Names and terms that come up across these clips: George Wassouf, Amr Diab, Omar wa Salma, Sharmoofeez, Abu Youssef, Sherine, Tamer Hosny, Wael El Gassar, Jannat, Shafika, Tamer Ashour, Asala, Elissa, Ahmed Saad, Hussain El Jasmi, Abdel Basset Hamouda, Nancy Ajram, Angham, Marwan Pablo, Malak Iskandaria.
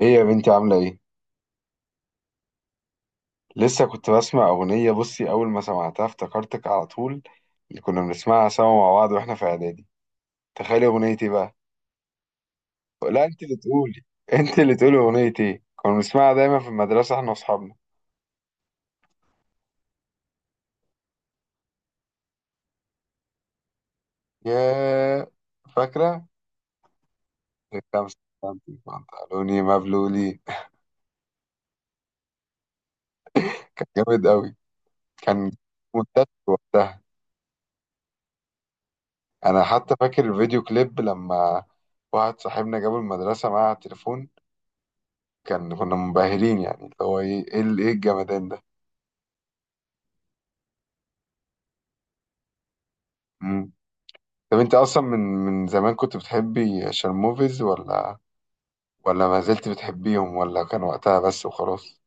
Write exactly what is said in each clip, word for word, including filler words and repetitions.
ايه يا بنتي عاملة ايه؟ لسه كنت بسمع أغنية. بصي، أول ما سمعتها افتكرتك على طول. اللي كنا بنسمعها سوا مع بعض واحنا في إعدادي. تخيلي أغنية ايه بقى؟ لا انت اللي تقولي. انت اللي تقولي أغنية ايه؟ كنا بنسمعها دايما في المدرسة احنا وأصحابنا. يا فاكرة؟ الخمسة سنتي بنطلوني مبلولي. كان جامد أوي. كان منتشر وقتها. أنا حتى فاكر الفيديو كليب لما واحد صاحبنا جابه المدرسة معاه على التليفون. كان كنا منبهرين يعني اللي هو ايه ايه ال- إيه الجمدان ده. مم. طب انت اصلا من من زمان كنت بتحبي شرموفيز ولا ولا ما زلت بتحبيهم، ولا كان وقتها بس وخلاص؟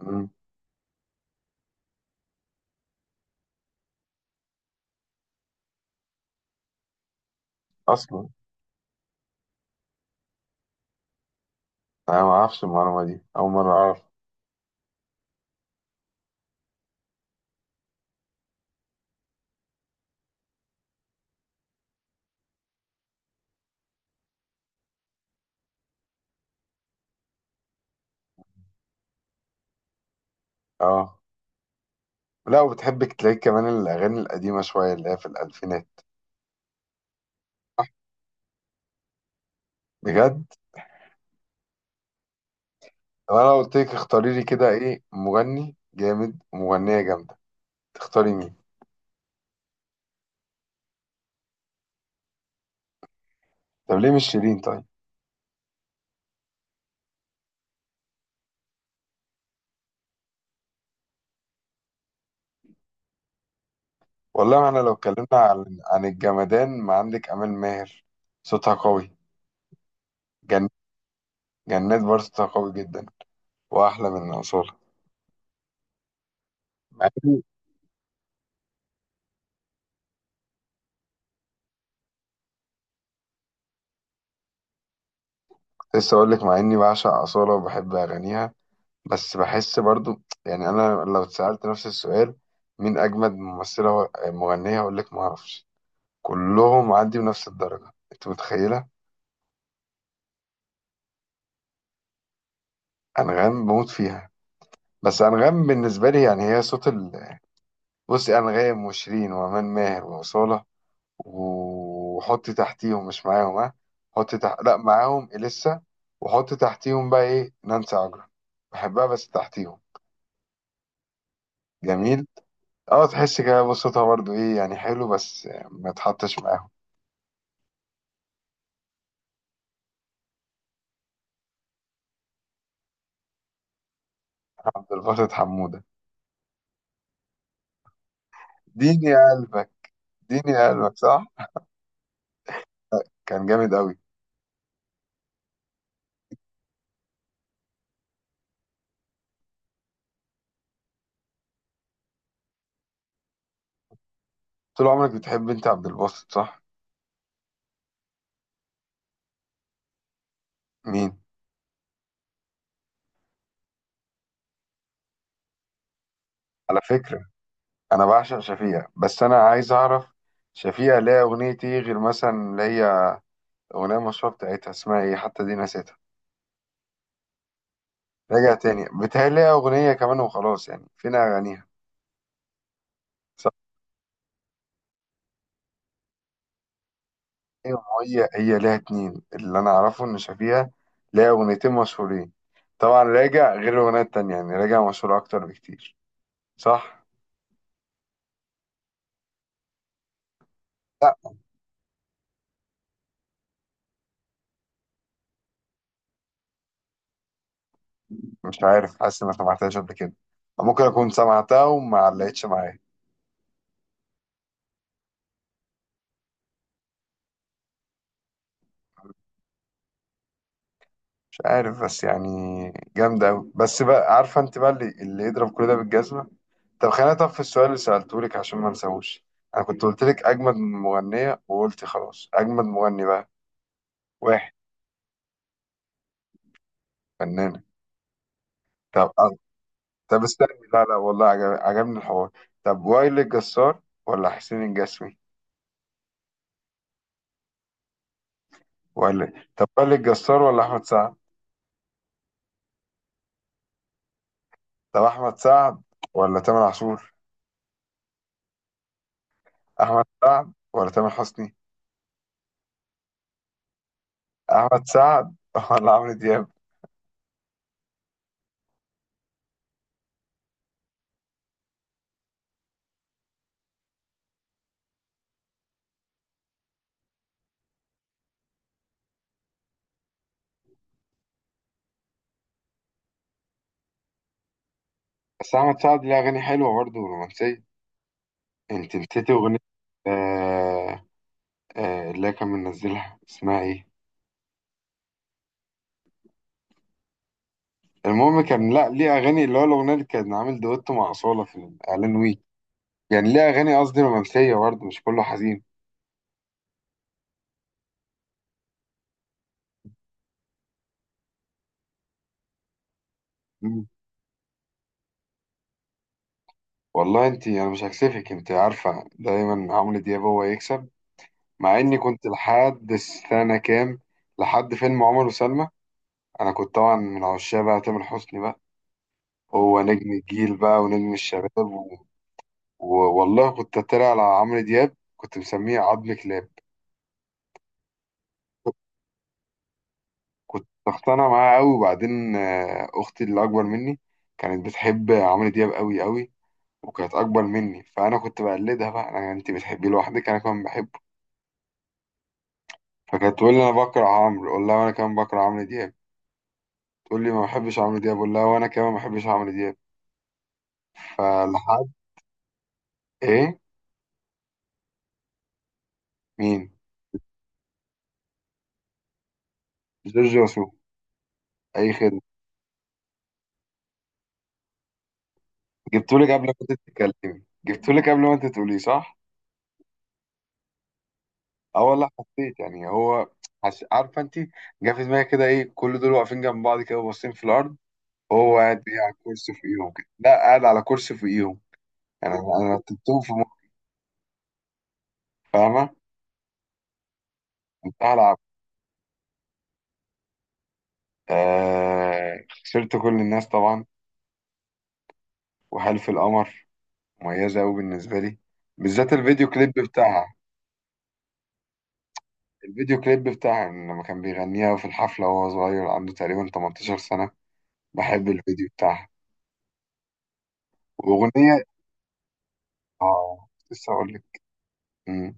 مم. اصلا انا ما اعرفش المعلومه دي، اول مره اعرف. اه، لا وبتحبك تلاقي كمان الاغاني القديمه شويه اللي هي في الالفينات. بجد؟ طب انا قلت لك اختاري لي كده ايه مغني جامد ومغنيه جامده، تختاري مين؟ طب ليه مش شيرين طيب؟ والله ما احنا لو اتكلمنا عن عن الجمدان ما عندك امال ماهر. صوتها قوي. جن... جنات برضه صوتها قوي جدا، واحلى من اصاله. مع اني كنت لسه اقول لك، مع اني بعشق اصاله وبحب اغانيها، بس بحس برضو يعني انا لو اتسالت نفس السؤال مين اجمد ممثله و- مغنيه اقول لك ما اعرفش. كلهم عندي بنفس الدرجه، انت متخيله. انغام بموت فيها، بس انغام بالنسبه لي يعني هي صوت ال... بصي، انغام وشيرين وامان ماهر واصاله، وحطي تحتيهم مش معاهم، ها. حطي تحت، لا معاهم اليسا. وحطي تحتيهم بقى ايه نانسي عجرم، بحبها بس تحتيهم. جميل. اه تحس كده بصوتها برضو ايه يعني حلو، بس ما تحطش معاهم. عبد الباسط حمودة. ديني يا قلبك. ديني يا قلبك، صح. كان جامد قوي. طول عمرك بتحب انت عبد الباسط، صح. مين؟ على فكرة انا بعشق شفيقة، بس انا عايز اعرف شفيقة ليها اغنية ايه غير مثلا اللي هي اغنية مشهورة بتاعتها اسمها ايه حتى دي نسيتها. راجع تاني، بتهيألي ليها اغنية كمان وخلاص، يعني فين اغانيها؟ ايوه، ما هي هي ليها اتنين اللي انا اعرفه ان شافيها ليها اغنيتين مشهورين. طبعا راجع غير الاغنيه التانية يعني، راجع مشهور اكتر بكتير، صح. لا، مش عارف، حاسس اني ما سمعتهاش قبل كده، أو ممكن اكون سمعتها وما علقتش معايا. مش عارف بس يعني جامده قوي. بس بقى عارفه انت بقى اللي, اللي يضرب كل ده بالجزمه. طب خلينا، طب في السؤال اللي سالته لك عشان ما انساهوش، انا كنت قلت لك اجمد مغنيه وقلت خلاص، اجمد مغني بقى واحد. فنانه. طب طب استني، لا لا والله عجب... عجبني الحوار. طب وائل الجسار ولا حسين الجسمي؟ ولا طب وائل الجسار ولا احمد سعد؟ طب احمد سعد ولا تامر عاشور؟ احمد سعد ولا تامر حسني؟ احمد سعد ولا عمرو دياب؟ بس احمد سعد ليه اغاني حلوه برضه رومانسيه، انت نسيتي اغنيه آه... آه... اللي كان منزلها اسمها ايه. المهم كان لا ليه اغاني اللي هو الاغنيه اللي كان عامل دويتو مع اصاله في الاعلان ويك، يعني ليه اغاني قصدي رومانسيه برضه مش كله حزين. والله انت انا مش هكسفك، انت عارفه دايما عمرو دياب هو يكسب. مع اني كنت لحد السنه كام، لحد فيلم عمر وسلمى، انا كنت طبعا من عشاق بقى تامر حسني بقى. هو نجم الجيل بقى ونجم الشباب و... و... والله كنت اتريق على عمرو دياب، كنت مسميه عظم كلاب. كنت اقتنع معاه قوي وبعدين آه، اختي اللي اكبر مني كانت بتحب عمرو دياب قوي قوي، وكانت اكبر مني فانا كنت بقلدها بقى. انا انت بتحبيه لوحدك انا كمان بحبه. فكانت تقول لي انا بكره عمرو، اقول لها وانا كمان بكره عمرو دياب. تقول لي ما بحبش عمرو دياب، اقول لها وانا كمان ما بحبش عمرو دياب. فلحد. ايه؟ مين؟ جورج وسوف. اي خدمه. جبتولك قبل ما كنت تتكلمي، جبتولك قبل ما انت تقولي، صح. اه والله حسيت يعني هو حس... عارفه انت، جه في دماغي كده ايه كل دول واقفين جنب بعض كده باصين في الارض، هو قاعد إيه على كرسي فوقيهم كده، لا قاعد على كرسي فوقيهم يعني. انا أنا رتبتهم في مخي، فاهمه. كنت هلعب. آه... خسرت كل الناس طبعا، وحلف القمر، مميزة أوي بالنسبة لي، بالذات الفيديو كليب بتاعها. الفيديو كليب بتاعها لما كان بيغنيها في الحفلة وهو صغير عنده تقريبا تمنتاشر سنة، بحب الفيديو بتاعها. وأغنية، آه كنت لسه أقول لك. مم.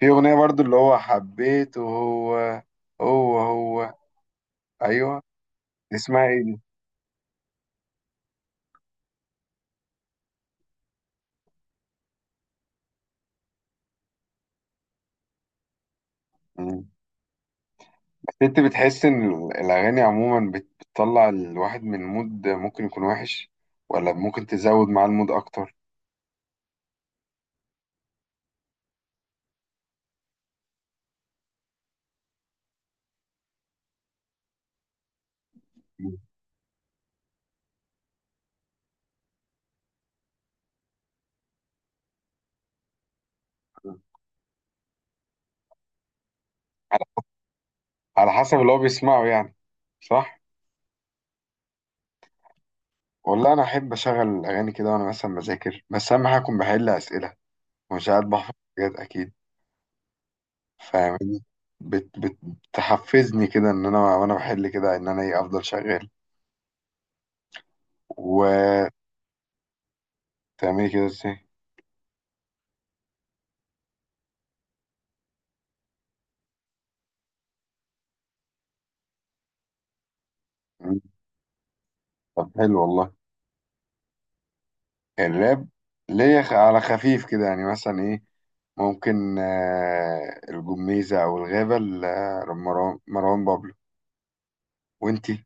في أغنية برضو اللي هو حبيته هو، هو هو، أيوه، اسمها إيه دي؟ مم. أنت بتحس إن الأغاني عموما بت- بتطلع الواحد من مود ممكن يكون وحش، ولا ممكن تزود معاه المود أكتر؟ على حسب اللي هو بيسمعه يعني، صح. والله انا احب اشغل اغاني كده وانا مثلا بذاكر، بس اهم حاجه اكون بحل اسئله ومش قاعد بحفظ حاجات اكيد، فاهمني. بت بت بتحفزني كده ان انا، وانا بحل كده ان انا ايه افضل شغال. وتعملي كده ازاي؟ مم. طب حلو والله. الراب، ليا خ- على خفيف كده يعني، مثلا ايه، ممكن آه، الجميزة او الغابة ل- آه، مروان مروان بابلو، وانتي؟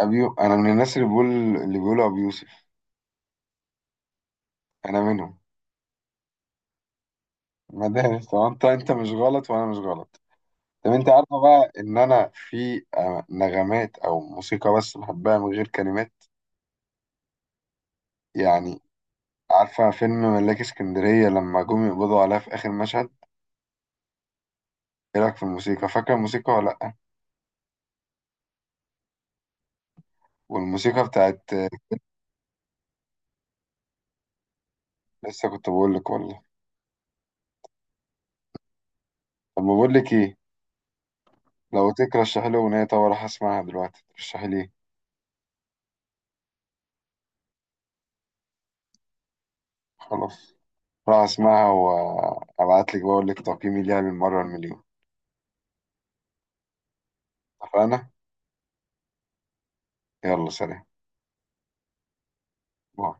ابيو، انا من الناس اللي بيقول اللي بيقولوا ابو يوسف، انا منهم. مدارس. طب انت، انت مش غلط وانا مش غلط. طب انت عارفه بقى ان انا في آه، نغمات او موسيقى بس بحبها من غير كلمات يعني. عارفه فيلم ملاك اسكندريه لما جم يقبضوا عليها في اخر مشهد، ايه رايك في الموسيقى؟ فاكره الموسيقى ولا لا؟ والموسيقى بتاعت آه، لسه كنت بقول لك والله. طب بقول لك ايه، لو ترشحي لي اغنيه طب راح اسمعها دلوقتي، ترشحي لي ايه؟ خلاص، راح اسمعها وابعت لك بقول لك تقييمي ليها بالمره المليون. اتفقنا. يلا سلام. باي.